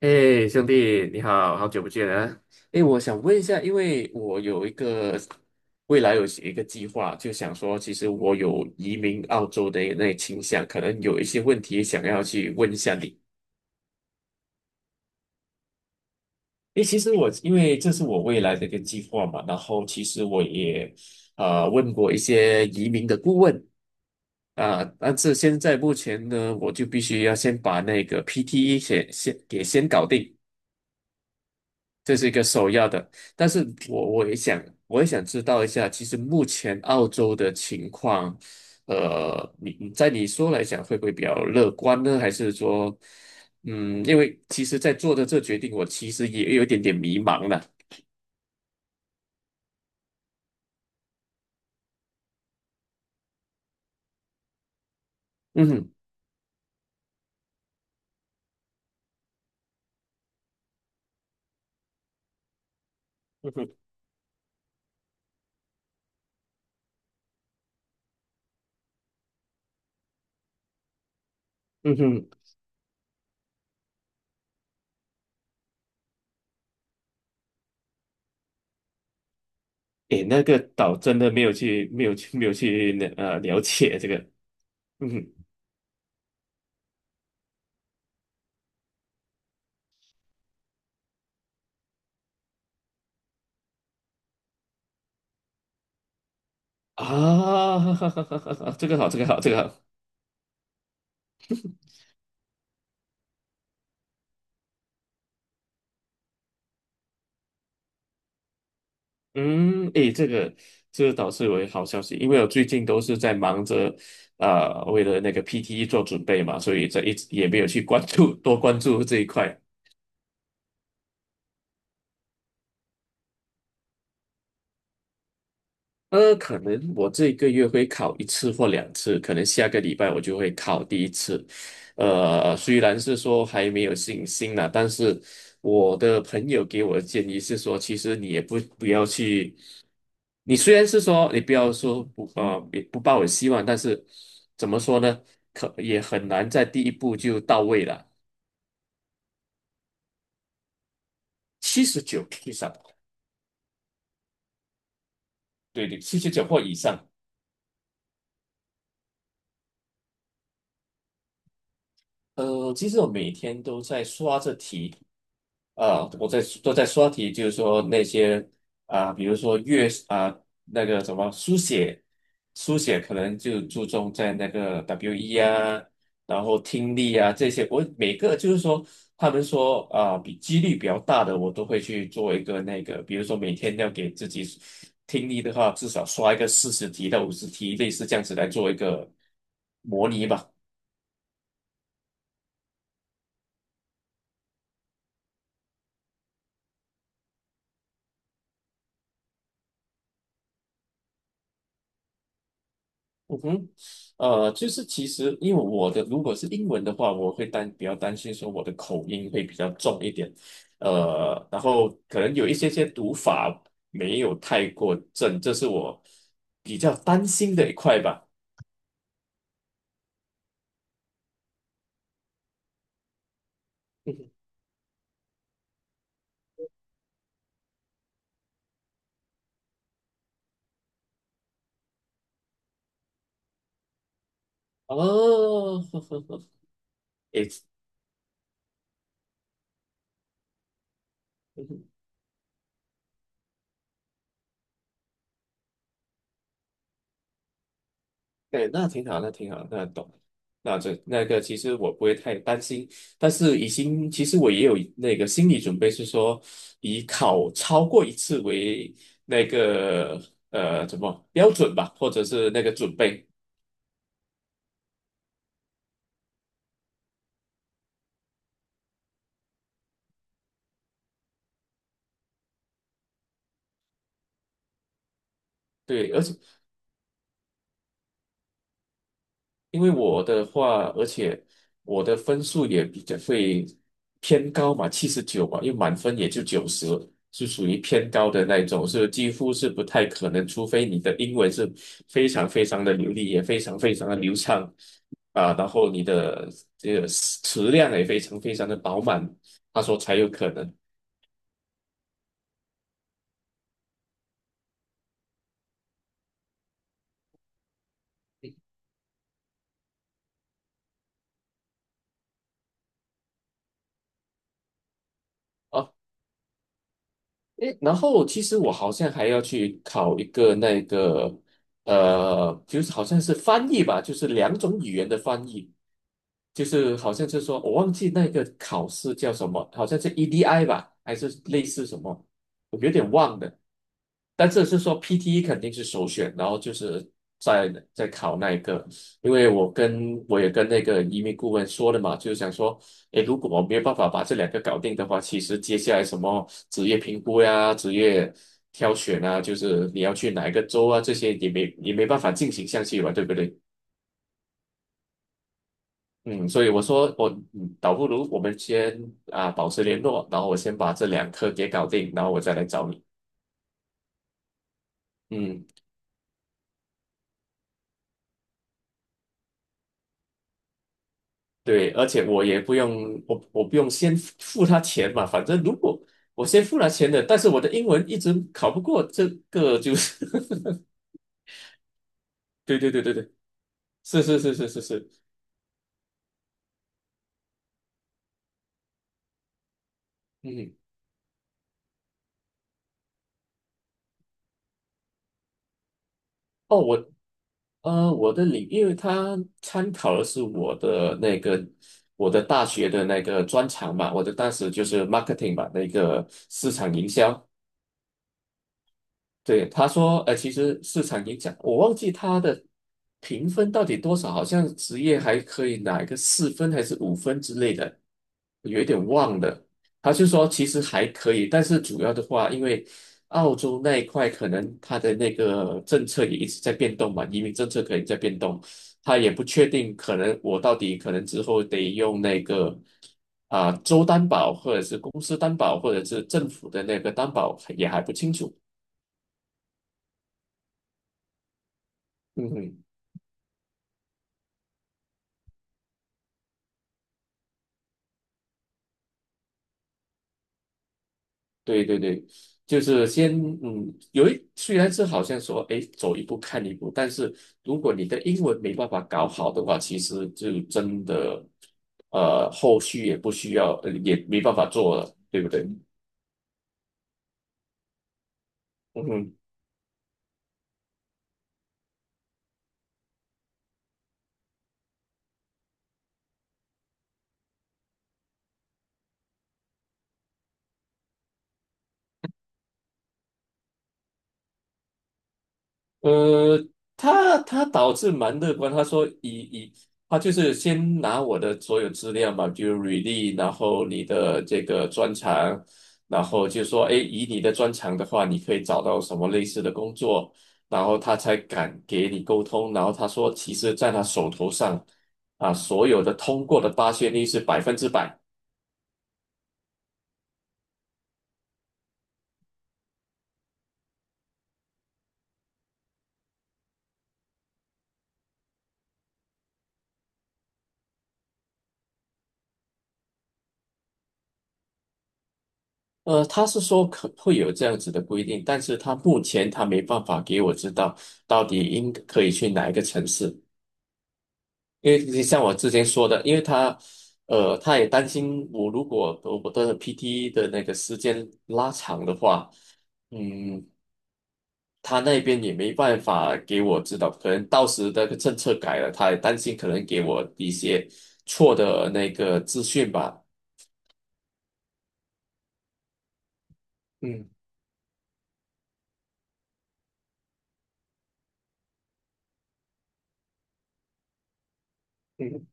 哎，兄弟，你好，好久不见啊！哎，我想问一下，因为我有一个未来有一个计划，就想说，其实我有移民澳洲的那倾向，可能有一些问题想要去问一下你。哎，其实我因为这是我未来的一个计划嘛，然后其实我也问过一些移民的顾问啊，但是现在目前呢，我就必须要先把那个 PTE 先搞定。这是一个首要的，但是我也想知道一下，其实目前澳洲的情况，你来讲，会不会比较乐观呢？还是说，因为其实，在做的这决定，我其实也有一点点迷茫了。嗯哼，嗯哼，嗯哼，诶，那个岛真的没有去了了解这个，嗯哼，啊，这个好，这个好，这个好。嗯，诶，这个倒是有好消息，因为我最近都是在忙着，为了那个 PTE 做准备嘛，所以这一直也没有去关注多关注这一块。可能我这个月会考一次或两次，可能下个礼拜我就会考第一次。虽然是说还没有信心了，但是我的朋友给我的建议是说，其实你也不要去，你虽然是说你不要说不也不抱有希望，但是怎么说呢，可也很难在第一步就到位了，七十九以上，对对，七十九或以上。其实我每天都在刷着题。啊，都在刷题，就是说那些啊，比如说阅啊那个什么书写，书写可能就注重在那个 WE 啊，然后听力啊这些，我每个就是说他们说啊比几率比较大的，我都会去做一个那个，比如说每天要给自己听力的话，至少刷一个40题到50题，类似这样子来做一个模拟吧。嗯哼，就是其实因为如果是英文的话，我会比较担心说我的口音会比较重一点，然后可能有一些读法没有太过正，这是我比较担心的一块吧。嗯哼哦，呵呵呵，诶，对，那挺好，那挺好，那懂，那个其实我不会太担心，但是已经其实我也有那个心理准备，是说以考超过一次为那个怎么标准吧，或者是那个准备。对，而且我的分数也比较会偏高嘛，七十九嘛，因为满分也就90，是属于偏高的那一种，是几乎是不太可能，除非你的英文是非常非常的流利，也非常非常的流畅啊，然后你的这个词量也非常非常的饱满，他说才有可能。哦诶，然后其实我好像还要去考一个那个，就是好像是翻译吧，就是两种语言的翻译，就是好像是说我忘记那个考试叫什么，好像是 EDI 吧，还是类似什么？我有点忘了，但这是说 PTE 肯定是首选，然后就是在考那一个，因为我也跟那个移民顾问说了嘛，就是想说，诶，如果我没有办法把这两个搞定的话，其实接下来什么职业评估呀、职业挑选啊，就是你要去哪一个州啊，这些也没办法进行下去吧，对不对？嗯，所以我说倒不如我们先保持联络，然后我先把这两科给搞定，然后我再来找你。嗯。对，而且我也不用，我不用先付他钱嘛，反正如果我先付了钱的，但是我的英文一直考不过，这个就是，对对对对对，是是是是是是，嗯，哦，我呃我的领，因为他参考的是我的大学的那个专长嘛，我的当时就是 marketing 嘛，那个市场营销，对，他说，其实市场影响，我忘记他的评分到底多少，好像职业还可以拿一个4分还是5分之类的，有一点忘了。他就说其实还可以，但是主要的话，因为澳洲那一块可能他的那个政策也一直在变动嘛，移民政策可能在变动，他也不确定，可能我到底可能之后得用那个州担保，或者是公司担保，或者是政府的那个担保，也还不清楚。嗯哼。对对对，就是先虽然是好像说哎走一步看一步，但是如果你的英文没办法搞好的话，其实就真的后续也不需要，也没办法做了，对不对？嗯哼。呃，他导致蛮乐观，他说他就是先拿我的所有资料嘛，比如履历，然后你的这个专长，然后就说，哎，以你的专长的话，你可以找到什么类似的工作，然后他才敢给你沟通。然后他说，其实在他手头上啊，所有的通过的发现率是100%。他是说可会有这样子的规定，但是他目前他没办法给我知道到底应可以去哪一个城市。因为就像我之前说的，因为他，他也担心我如果我的 PT 的那个时间拉长的话，嗯，他那边也没办法给我指导，可能到时那个政策改了，他也担心可能给我一些错的那个资讯吧。嗯嗯。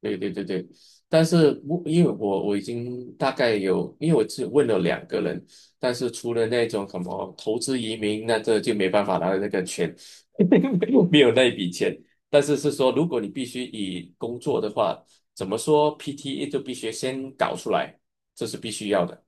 对对对对，但是我因为我已经大概有，因为我只问了两个人，但是除了那种什么投资移民，那这就没办法拿到那个钱，没有那一笔钱。但是是说，如果你必须以工作的话，怎么说 PTE 就必须先搞出来，这是必须要的。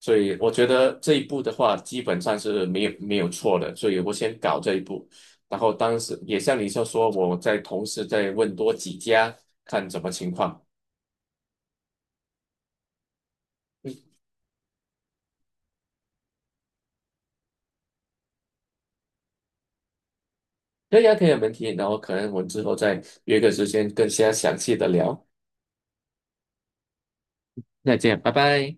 所以我觉得这一步的话，基本上是没有错的。所以我先搞这一步，然后当时也像你说，我在同时再问多几家，看怎么情况。可以啊，可以啊没问题。然后可能我们之后再约个时间更加详细的聊。再见，拜拜。